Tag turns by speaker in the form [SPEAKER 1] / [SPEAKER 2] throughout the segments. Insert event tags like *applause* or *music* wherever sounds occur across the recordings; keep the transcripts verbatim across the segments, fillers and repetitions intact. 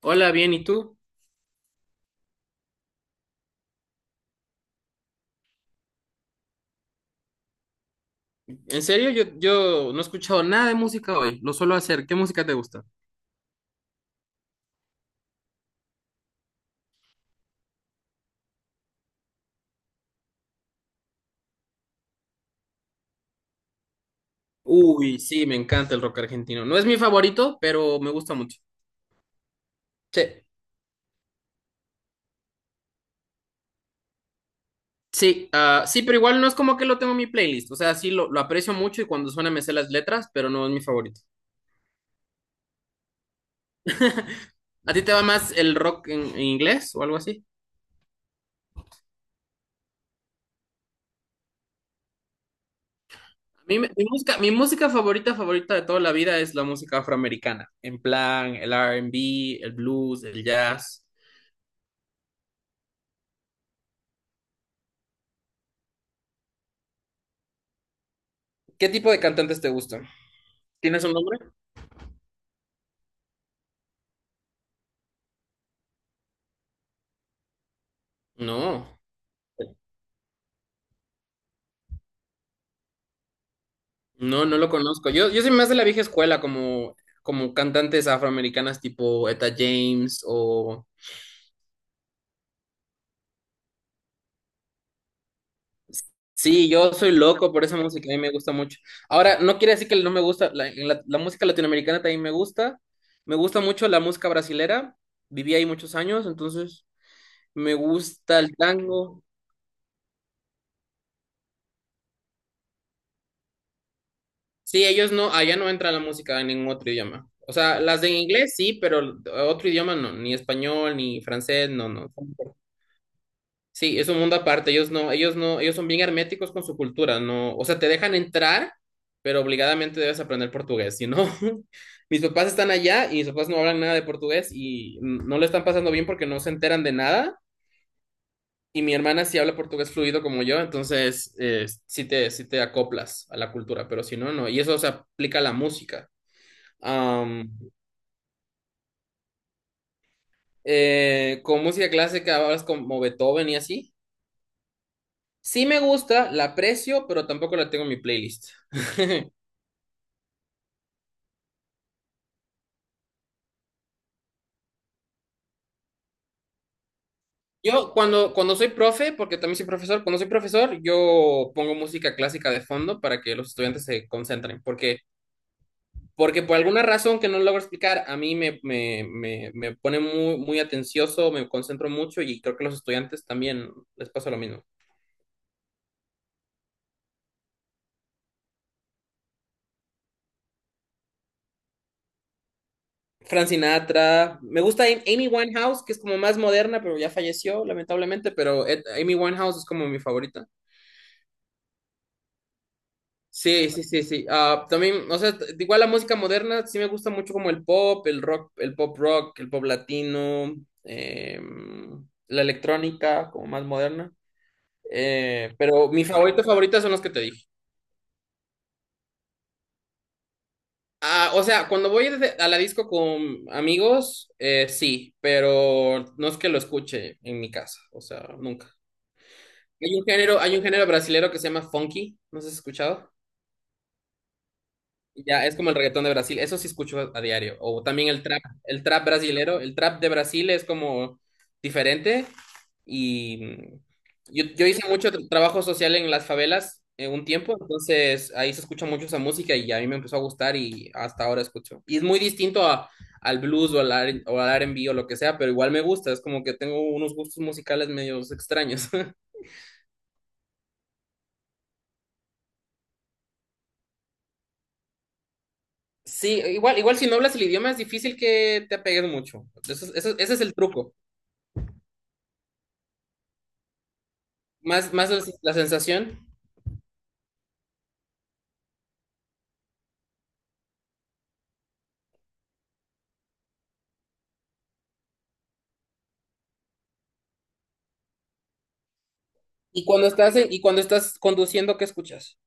[SPEAKER 1] Hola, bien, ¿y tú? En serio, yo, yo no he escuchado nada de música hoy, lo suelo hacer. ¿Qué música te gusta? Uy, sí, me encanta el rock argentino. No es mi favorito, pero me gusta mucho. Sí, sí, ah, sí, pero igual no es como que lo tengo en mi playlist. O sea, sí, lo, lo aprecio mucho y cuando suena me sé las letras, pero no es mi favorito. *laughs* ¿A ti te va más el rock en, en inglés o algo así? A mí me- mi música, mi música favorita, favorita de toda la vida es la música afroamericana. En plan, el R and B, el blues, el jazz. ¿Qué tipo de cantantes te gustan? ¿Tienes un nombre? No, no, no lo conozco. Yo, yo soy más de la vieja escuela, como, como cantantes afroamericanas tipo Etta James o... Sí, yo soy loco por esa música, a mí me gusta mucho. Ahora, no quiere decir que no me gusta, la, la- la música latinoamericana también me gusta. Me gusta mucho la música brasilera, viví ahí muchos años, entonces me gusta el tango. Sí, ellos no, allá no entra la música en ningún otro idioma. O sea, las de inglés sí, pero otro idioma no, ni español, ni francés, no, no. Sí, es un mundo aparte. Ellos no, ellos no, ellos son bien herméticos con su cultura, no, o sea, te dejan entrar, pero obligadamente debes aprender portugués, si no, *laughs* mis papás están allá y mis papás no hablan nada de portugués y n- no le están pasando bien porque no se enteran de nada. Y mi hermana sí habla portugués fluido como yo, entonces eh, sí te, sí te acoplas a la cultura, pero si no, no. Y eso se aplica a la música. Am, eh, con música clásica hablas como Beethoven y así. Sí me gusta, la aprecio, pero tampoco la tengo en mi playlist. *laughs* Yo cuando, cuando soy profe, porque también soy profesor, cuando soy profesor, yo pongo música clásica de fondo para que los estudiantes se concentren, porque, porque por alguna razón que no logro explicar, a mí me, me, me, me pone muy, muy atencioso, me concentro mucho y creo que a los estudiantes también les pasa lo mismo. Frank Sinatra, me gusta Am- Amy Winehouse, que es como más moderna, pero ya falleció lamentablemente, pero Ed- Amy Winehouse es como mi favorita. Sí, sí, sí, sí. Ah, también, o sea, t- igual la música moderna sí me gusta mucho como el pop, el rock, el pop rock, el pop latino, em, la electrónica como más moderna. Eh, pero mi favorito favorita son los que te dije. Ah, o sea, cuando voy de- a la disco con amigos, eh, sí, pero no es que lo escuche en mi casa, o sea, nunca. Hay un género, hay un género brasilero que se llama funky, ¿no has escuchado? Ya, es como el reggaetón de Brasil, eso sí escucho a, a diario. O también el trap, el trap brasilero, el trap de Brasil es como diferente. Y mm, yo, yo hice mucho tra- trabajo social en las favelas eh, un tiempo, entonces ahí se escucha mucho esa música y a mí me empezó a gustar y hasta ahora escucho. Y es muy distinto a- al blues o al, R- o al R and B o lo que sea, pero igual me gusta, es como que tengo unos gustos musicales medios extraños. *laughs* Sí, igual, igual si no hablas el idioma es difícil que te apegues mucho. Eso, es- eso- ese es el truco. Más, más la la sensación. Y cuando estás en- y cuando estás conduciendo, ¿qué escuchas?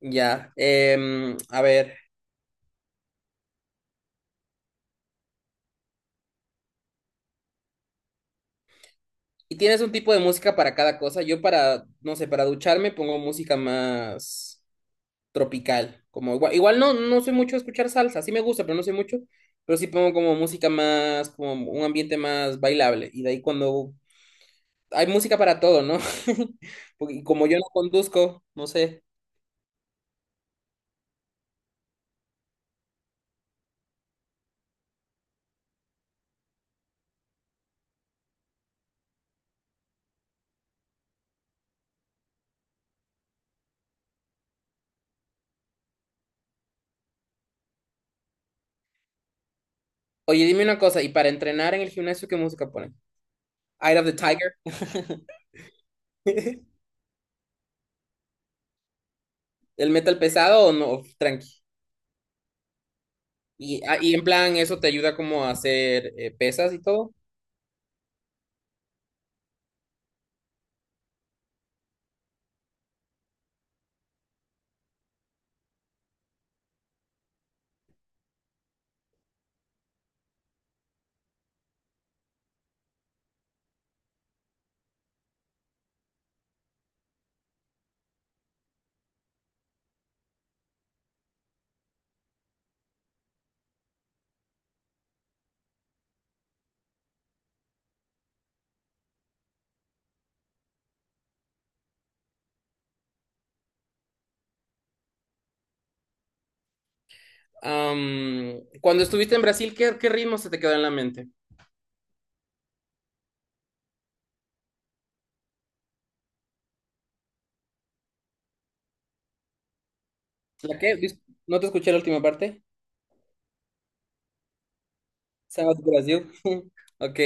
[SPEAKER 1] Ya, em, a ver. ¿Y tienes un tipo de música para cada cosa? Yo para, no sé, para ducharme pongo música más tropical, como igual, igual no, no soy mucho de escuchar salsa, sí me gusta, pero no soy mucho, pero sí pongo como música más, como un ambiente más bailable. Y de ahí cuando hay música para todo, ¿no? *laughs* Porque y como yo no conduzco, no sé. Oye, dime una cosa, ¿y para entrenar en el gimnasio qué música ponen? Eye of the Tiger. *laughs* ¿El metal pesado o no? Tranqui. Y, ah, y en plan, ¿eso te ayuda como a hacer eh, pesas y todo? Am, cuando estuviste en Brasil, ¿qué, qué ritmo se te quedó en la mente? ¿La qué? Dis- No te escuché la última parte. Sabas Brasil. *laughs* Ok.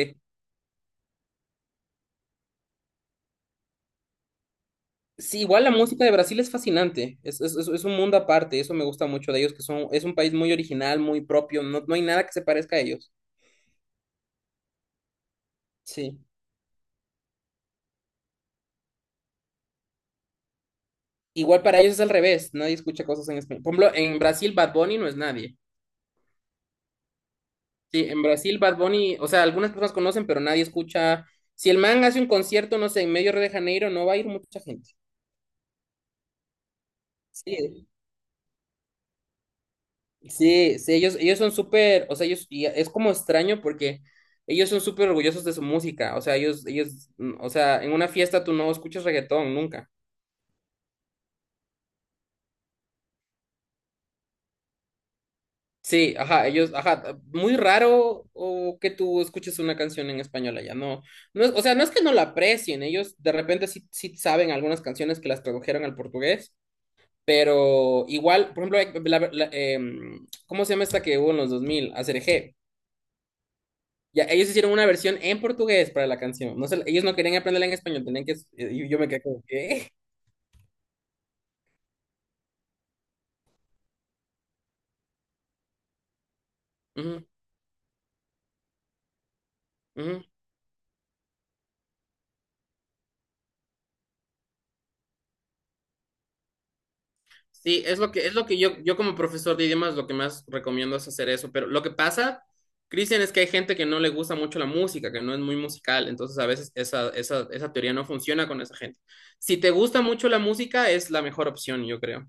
[SPEAKER 1] Sí, igual la música de Brasil es fascinante. Es, es, es- es un mundo aparte. Eso me gusta mucho de ellos, que son, es un país muy original, muy propio. No, no hay nada que se parezca a ellos. Sí. Igual para ellos es al revés. Nadie escucha cosas en español. Por ejemplo, en Brasil Bad Bunny no es nadie. Sí, en Brasil Bad Bunny, o sea, algunas personas conocen, pero nadie escucha. Si el man hace un concierto, no sé, en medio de Río de Janeiro, no va a ir mucha gente. Sí. Sí, sí, ellos, ellos son súper, o sea, ellos, y es como extraño porque ellos son súper orgullosos de su música, o sea, ellos, ellos, mm, o sea, en una fiesta tú no escuchas reggaetón, nunca. Sí, ajá, ellos, ajá, muy raro o que tú escuches una canción en español allá, no, no es, o sea, no es que no la aprecien, ellos de repente sí, sí saben algunas canciones que las tradujeron al portugués, pero igual, por ejemplo, la- la- em, ¿cómo se llama esta que hubo en los dos mil, Aserejé. Ya, ellos hicieron una versión en portugués para la canción. No se- ellos no querían aprenderla en español, tenían que... y yo me quedé como, ¿qué? Ujú, ujú. Sí, es lo que, es lo que yo, yo como profesor de idiomas lo que más recomiendo es hacer eso. Pero lo que pasa, Cristian, es que hay gente que no le gusta mucho la música, que no es muy musical. Entonces a veces esa, esa, esa teoría no funciona con esa gente. Si te gusta mucho la música, es la mejor opción, yo creo.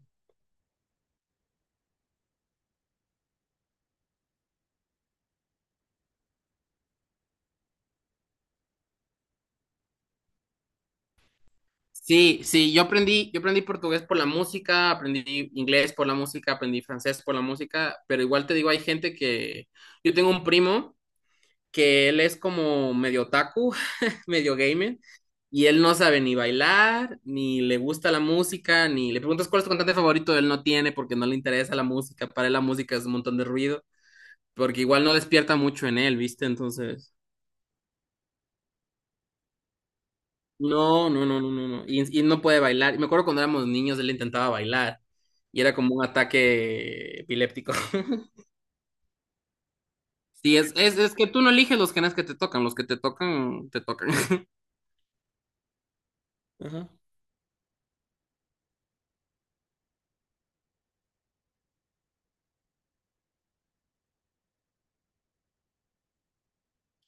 [SPEAKER 1] Sí, sí, yo aprendí, yo aprendí portugués por la música, aprendí inglés por la música, aprendí francés por la música, pero igual te digo, hay gente que, yo tengo un primo que él es como medio otaku, *laughs* medio gamer, y él no sabe ni bailar, ni le gusta la música, ni le preguntas cuál es tu cantante favorito, él no tiene porque no le interesa la música, para él la música es un montón de ruido, porque igual no despierta mucho en él, ¿viste? Entonces... No, no, no, no, no, no. Y, y no puede bailar. Me acuerdo cuando éramos niños, él intentaba bailar y era como un ataque epiléptico. *laughs* Sí, es, es, es que tú no eliges los genes que te tocan, los que te tocan, te tocan. *laughs* Ajá.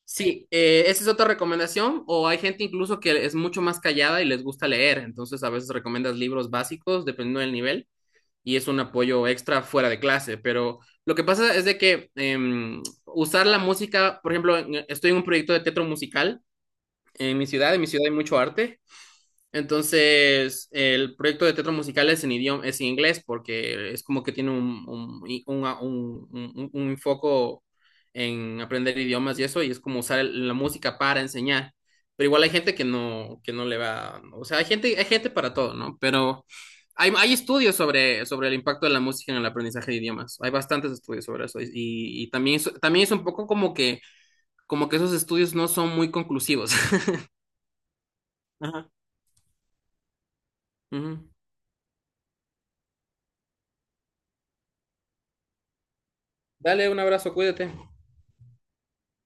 [SPEAKER 1] Sí, eh, esa es otra recomendación, o hay gente incluso que es mucho más callada y les gusta leer, entonces a veces recomiendas libros básicos, dependiendo del nivel, y es un apoyo extra fuera de clase, pero lo que pasa es de que em, usar la música, por ejemplo, en- estoy en un proyecto de teatro musical en mi ciudad, en mi ciudad hay mucho arte. Entonces, el proyecto de teatro musical es en idioma, es en inglés, porque es como que tiene un, un, un, un, un un foco en aprender idiomas y eso, y es como usar el- la música para enseñar. Pero igual hay gente que no, que no le va, o sea, hay gente, hay gente para todo, ¿no? Pero hay, hay estudios sobre, sobre el impacto de la música en el aprendizaje de idiomas. Hay bastantes estudios sobre eso. Y, y también, es- también es un poco como que, como que esos estudios no son muy conclusivos. *laughs* Ujú. Dale un abrazo, cuídate.